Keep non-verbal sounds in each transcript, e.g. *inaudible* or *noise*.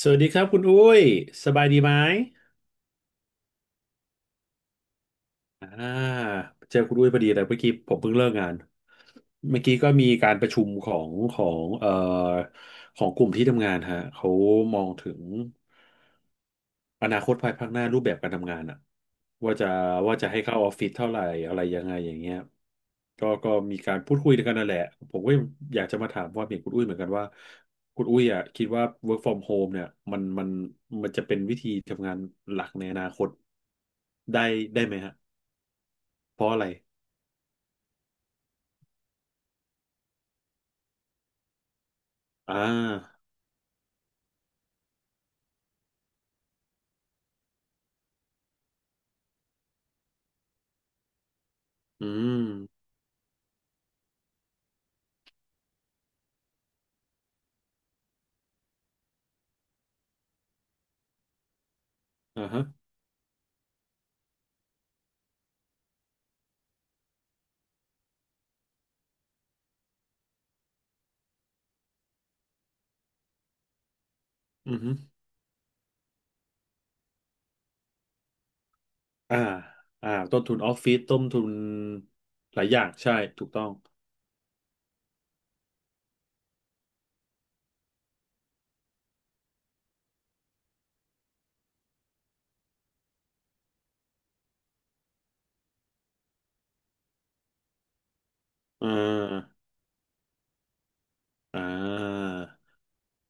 สวัสดีครับคุณอุ้ยสบายดีไหมอ่าเจอคุณอุ้ยพอดีเลยเมื่อกี้ผมเพิ่งเลิกงานเมื่อกี้ก็มีการประชุมของของกลุ่มที่ทำงานฮะเขามองถึง อนาคตภายภาคหน้ารูปแบบการทำงานอะว่าจะว่าจะให้เข้าออฟฟิศเท่าไหร่อะไรยังไงอย่างเงี้ยก็มีการพูดคุยกันนั่นแหละผมก็อยากจะมาถามความเห็นคุณอุ้ยเหมือนกันว่าคุณอุ้ยอะคิดว่า work from home เนี่ยมันมันมันจะเป็นวิธีทำงานหลักในอนาคตได้ได้ไหมฮะเพราะอะไรอ่าอืมอ่าฮะอือฮึอ่าต้นทุนออฟฟิศต้นทุนหลายอย่างใช่ถูกต้องอ่า อ่า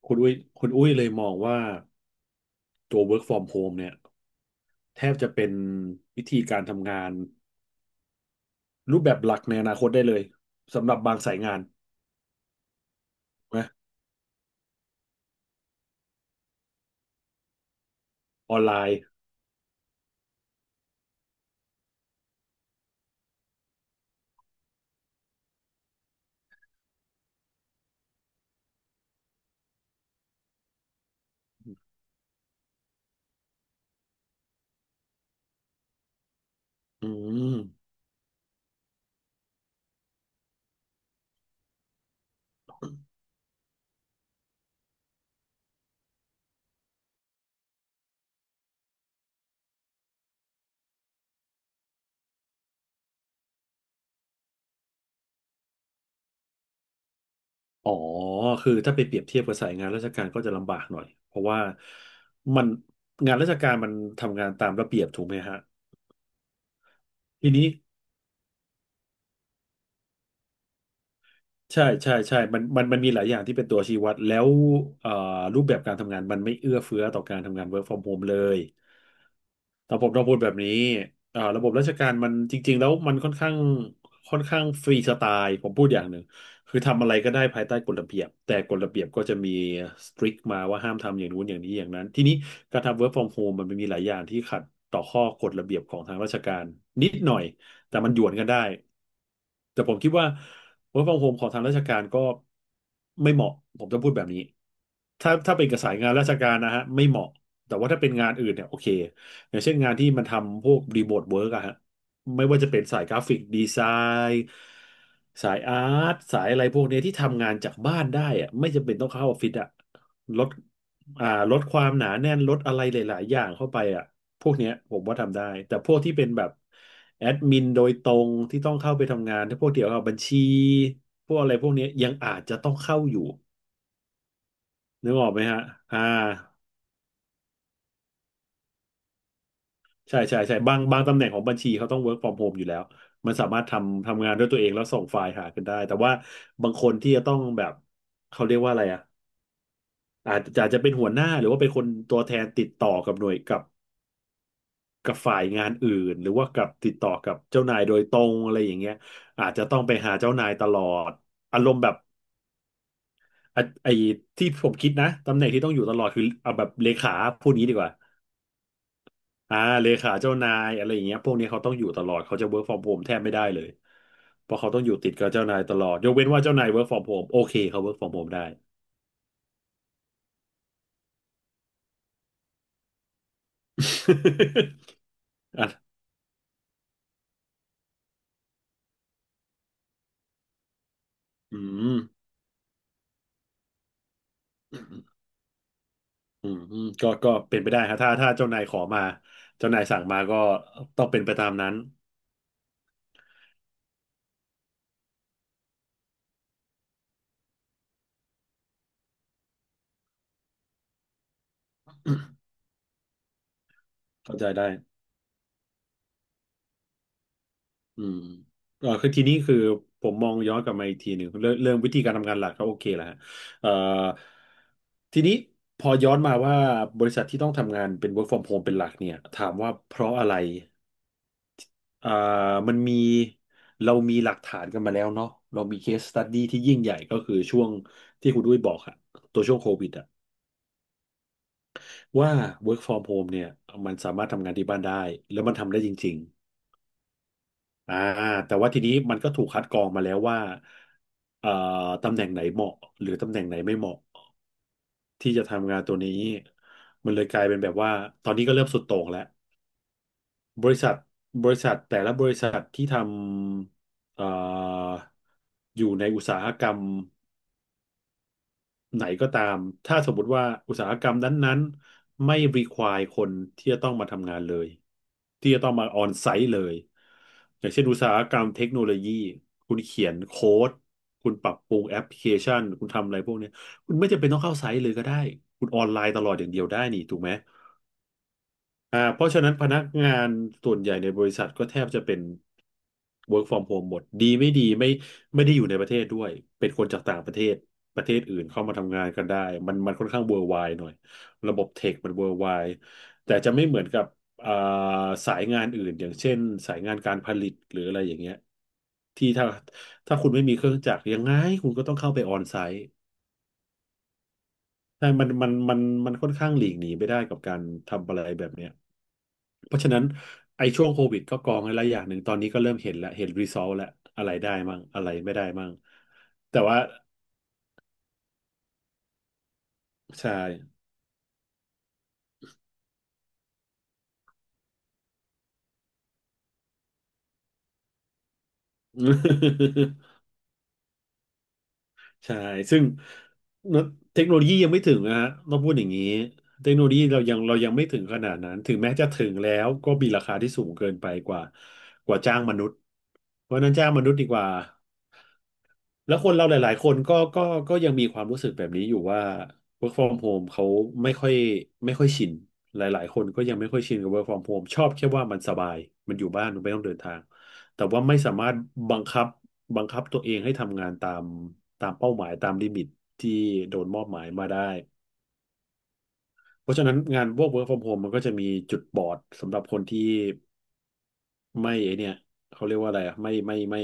คุณอุ้ยคุณอุ้ยเลยมองว่าตัว work from home เนี่ยแทบจะเป็นวิธีการทำงานรูปแบบหลักในอนาคตได้เลยสำหรับบางสายงานนะออนไลน์อืมอ๋อคือถ้าไปเปรียบเทียบกับสายงานราชการก็จะลำบากหน่อยเพราะว่ามันงานราชการมันทำงานตามระเบียบถูกไหมฮะทีนี้ ใช่ใช่ใช่มันมีหลายอย่างที่เป็นตัวชี้วัดแล้วเอ่อรูปแบบการทำงานมันไม่เอื้อเฟื้อต่อการทำงาน work from home เลยแต่ผมต้องพูดแบบนี้ระบบราชการมันจริงๆแล้วมันค่อนข้างฟรีสไตล์ผมพูดอย่างหนึ่งคือทำอะไรก็ได้ภายใต้กฎระเบียบแต่กฎระเบียบก็จะมีสตริกมาว่าห้ามทำอย่างนู้นอย่างนี้อย่างนั้นทีนี้การทำ work from home มันมีหลายอย่างที่ขัดต่อข้อกฎระเบียบของทางราชการนิดหน่อย แต่มันหยวนกันได้แต่ผมคิดว่า work from home ของทางราชการก็ไม่เหมาะผมจะพูดแบบนี้ถ้าเป็นกับสายงานราชการนะฮะไม่เหมาะแต่ว่าถ้าเป็นงานอื่นเนี่ยโอเคอย่างเช่นงานที่มันทำพวกรีโมทเวิร์กอะฮะไม่ว่าจะเป็นสายกราฟิกดีไซน์สายอาร์ตสายอะไรพวกเนี้ยที่ทำงานจากบ้านได้อะไม่จำเป็นต้องเข้าออฟฟิศอะลด ลดความหนาแน่นลดอะไรหลายๆอย่างเข้าไปอ่ะพวกเนี้ยผมว่าทำได้แต่พวกที่เป็นแบบแอดมินโดยตรงที่ต้องเข้าไปทำงานถ้าพวกเกี่ยวกับบัญชีพวกอะไรพวกเนี้ยยังอาจจะต้องเข้าอยู่นึกออกไหมฮะอ่าใช่ใช่ใช่บางบางตำแหน่งของบัญชีเขาต้อง work from home อยู่แล้วมันสามารถทำงานด้วยตัวเองแล้วส่งไฟล์หากันได้แต่ว่าบางคนที่จะต้องแบบเขาเรียกว่าอะไรอ่ะอาจจะเป็นหัวหน้าหรือว่าเป็นคนตัวแทนติดต่อกับหน่วยกับ กับฝ่ายงานอื่นหรือว่ากับติดต่อกับเจ้านายโดยตรงอะไรอย่างเงี้ยอาจจะต้องไปหาเจ้านายตลอดอารมณ์แบบอ่ะไอ้ที่ผมคิดนะตำแหน่งที่ต้องอยู่ตลอดคือเอาแบบเลขาพูดงี้ดีกว่าอ่าเลขาเจ้านายอะไรอย่างเงี้ยพวกนี้เขาต้องอยู่ตลอดเขาจะ work from home แทบไม่ได้เลยเพราะเขาต้องอยู่ติดกับเจ้านายตลอดยกเว้นว่าเจ้านาย work from home โอเคเขา work from home ได้ *laughs* อ่ะอืม อืมก็เป็นไปได้ครับถ้าเจ้านายขอมาเจ้านายสั่งมาก็ต้องเป็นไปตามนั้นเข้าใจได้อืมเออคือทีนี้คือผมมองย้อนกลับมาอีกทีหนึ่งเรื่องวิธีการทำงานหลักก็โอเคแหละฮะเอ่อทีนี้พอย้อนมาว่าบริษัทที่ต้องทำงานเป็น work from home เป็นหลักเนี่ยถามว่าเพราะอะไรเอ่อมันมีเรามีหลักฐานกันมาแล้วเนาะเรามี case study ที่ยิ่งใหญ่ก็คือช่วงที่คุณด้วยบอกอะตัวช่วงโควิดอะ ว่า work from home เนี่ยมันสามารถทำงานที่บ้านได้แล้วมันทำได้จริงๆอ่าแต่ว่าทีนี้มันก็ถูกคัดกรองมาแล้วว่าเอ่อตำแหน่งไหนเหมาะหรือตำแหน่งไหนไม่เหมาะที่จะทำงานตัวนี้มันเลยกลายเป็นแบบว่าตอนนี้ก็เริ่มสุดโต่งแล้วบริษัทบริษัทแต่ละบริษัทที่ทำอยู่ในอุตสาหกรรม ไหนก็ตาม ถ้าสมมติว่าอุตสาหกรรมนั้นๆไม่ require คนที่จะต้องมาทำงานเลย ที่จะต้องมาออนไซต์เลย อย่างเช่นอุตสาหกรรมเทคโนโลยีคุณเขียนโค้ดคุณปรับปรุงแอปพลิเคชันคุณทำอะไรพวกเนี้ยคุณไม่จำเป็นต้องเข้าไซต์เลยก็ได้ คุณออนไลน์ตลอดอย่างเดียวได้นี่ถูกไหม เพราะฉะนั้นพนักงานส่วนใหญ่ในบริษัทก็แทบจะเป็น work from home หมดดีไม่ดีไม่ได้อยู่ในประเทศด้วยเป็นคนจากต่างประเทศประเทศอื่นเข้ามาทำงานกันได้มันค่อนข้าง worldwide หน่อยระบบเทคมัน worldwide แต่จะไม่เหมือนกับอ่าสายงานอื่นอย่างเช่นสายงานการผลิตหรืออะไรอย่างเงี้ยที่ถ้าคุณไม่มีเครื่องจักรยังไงคุณก็ต้องเข้าไปออนไซต์ใช่มันค่อนข้างหลีกหนีไม่ได้กับการทำอะไรแบบเนี้ย เพราะฉะนั้นไอ้ช่วงโควิดก็กองไว้และอย่างหนึ่งตอนนี้ก็เริ่มเห็นแล้วเห็นรีซอสแล้วอะไรได้มั่งอะไรไม่ได้มั่งแต่ว่าใช่ *laughs* ใช่ซึ่งเทคโนโลยียังไม่ถึงนะฮะต้องพูดอย่างนี้เทคโนโลยีเรายังไม่ถึงขนาดนั้นถึงแม้จะถึงแล้วก็มีราคาที่สูงเกินไปกว่าจ้างมนุษย์เพราะฉะนั้นจ้างมนุษย์ดีกว่า แล้วคนเราหลายๆ คนก็ยังมีความรู้สึกแบบนี้อยู่ว่า work from home เขาไม่ค่อยไม่ค่อยชินหลายๆ คนก็ยังไม่ค่อยชินกับ work from home ชอบแค่ว่ามันสบายมันอยู่บ้านมันไม่ต้องเดินทางแต่ว่าไม่สามารถบังคับบังคับตัวเองให้ทำงานตามเป้าหมายตามลิมิตที่โดนมอบหมายมาได้เพราะฉะนั้นงานพวก work from home มันก็จะมีจุดบอดสำหรับคนที่ ไม่ไอเนี่ยเขาเรียกว่าอะไรอ่ะ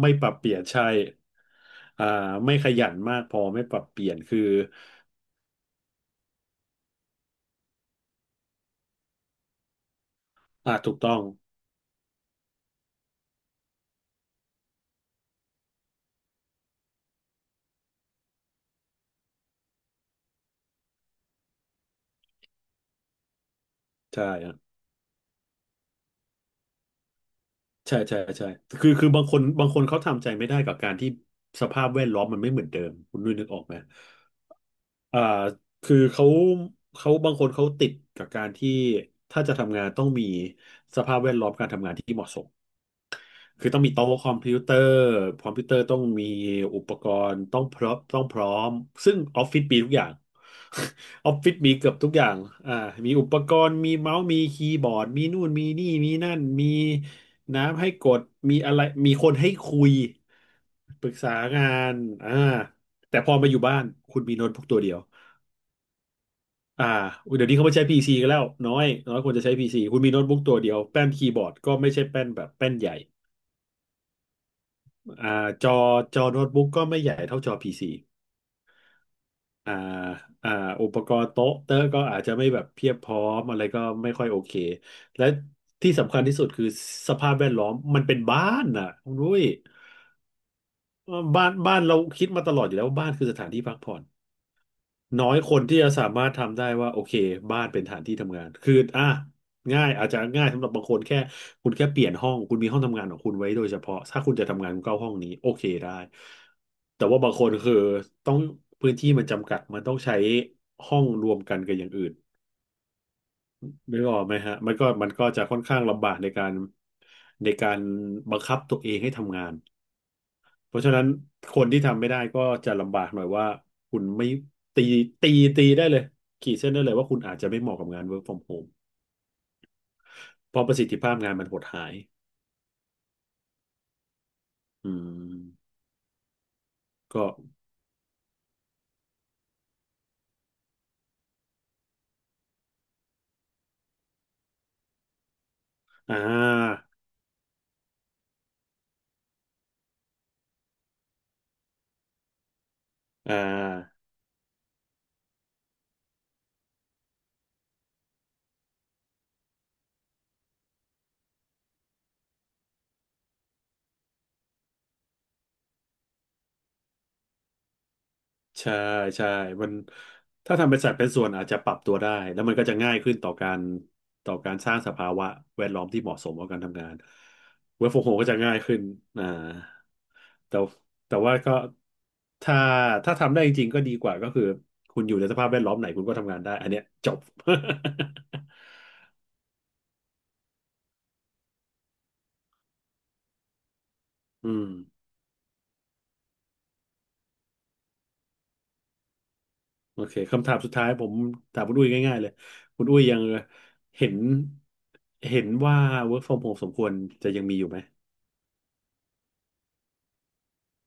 ไม่ปรับเปลี่ยนใช่อ่าไม่ขยันมากพอไม่ปรับเปลี่ยนคืออ่าถูกต้องใช่ฮะใช่ใช่ใช่คือบางคนบางคนเขาทำใจไม่ได้กับการที่สภาพแวดล้อมมันไม่เหมือนเดิมคุณนุ้ยนึกออกไหมอ่าคือเขาเขาบางคนเขาติดกับการที่ถ้าจะทำงานต้องมีสภาพแวดล้อมการทำงานที่เหมาะสม คือต้องมีโต๊ะคอมพิวเตอร์คอมพิวเตอร์ต้องมีอุปกรณ์ต้องพร้อมซึ่งออฟฟิศมีทุกอย่าง *laughs* ออฟฟิศมีเกือบทุกอย่างอ่ามีอุปกรณ์ มีเมาส์มีคีย์บอร์ดมีนู่นมีนี่ มีนั่น มีน้ำให้กดมีอะไรมีคนให้คุยปรึกษางานอ่าแต่พอมาอยู่บ้านคุณมีโน้ตบุ๊กตัวเดียวอ่าเดี๋ยวนี้เขาไม่ใช้ PC กันแล้วน้อยน้อยคนจะใช้ p ีซีคุณมีโน้ตบุ๊กตัวเดียวแป้นคีย์บอร์ดก็ไม่ใช่แป้นแบบแป้นใหญ่ อ่าจอจอโน้ตบุ๊กก็ไม่ใหญ่เท่าจอพีซีอ่าอ่าอุปกรณ์โต๊ะเตอร์ก็อาจจะไม่แบบเพียบพร้อมอะไรก็ไม่ค่อยโอเคและที่สำคัญที่สุดคือสภาพแวดล้อมมันเป็นบ้านน่ะคุณด้ยบ้านบ้านเราคิดมาตลอดอยู่แล้วว่าบ้านคือสถานที่พักผ่อน น้อยคนที่จะสามารถทำได้ว่าโอเคบ้านเป็นฐานที่ทำงานคืออ่ะง่ายอาจจะง่ายสำหรับบางคนแค่คุณแค่เปลี่ยนห้องคุณมีห้องทำงานของคุณไว้โดยเฉพาะถ้าคุณจะทำงานคุณเข้าห้องนี้โอเคได้แต่ว่าบางคนคือต้องพื้นที่มันจำกัดมันต้องใช้ห้องรวมกันกับอย่างอื่นนึกออกไหมฮะมันก็จะค่อนข้างลำบากในการบังคับตัวเองให้ทำงาน เพราะฉะนั้นคนที่ทำไม่ได้ก็จะลำบากหน่อยว่าคุณไม่ตีตีตีได้เลยขีดเส้นได้เลยว่าคุณอาจจะไม่เหมาะกับงาน work from home เพราะประสิทธิภาพงานมันหดหายอืมก็อ่าอ่า ใช่ใช่มันถ้าทำเป็นสัดเป็นส่วนอาจจะปรับตัวได้แล้วมันก็จะง่ายขึ้นต่อการสร้างสภาวะแวดล้อมที่เหมาะสมกับการทำงานเวิร์กฟรอมโฮมก็จะง่ายขึ้นอ่าแต่แต่ว่าก็ถ้าถ้าทำได้จริงๆก็ดีกว่าก็คือคุณอยู่ในสภาพแวดล้อมไหนคุณก็ทำงานได้อันเนี้ยจบ *laughs* อืมโอเคคำถามสุดท้ายผมถามคุณอุ้ยง่ายๆเลยคุณอุ้ยยังเห็นเห็นว่า work from home สมควรจะยังมีอยู่ไหม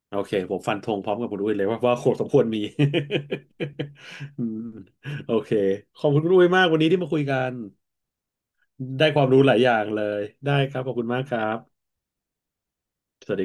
โอเคผมฟันธงพร้อมกับคุณอุ้ยเลยว่าโคตรสมควรมี *laughs* อืมโอเคขอบคุณคุณอุ้ยมากวันนี้ที่มาคุยกันได้ความรู้หลายอย่างเลยได้ครับขอบคุณมากครับสวัสดี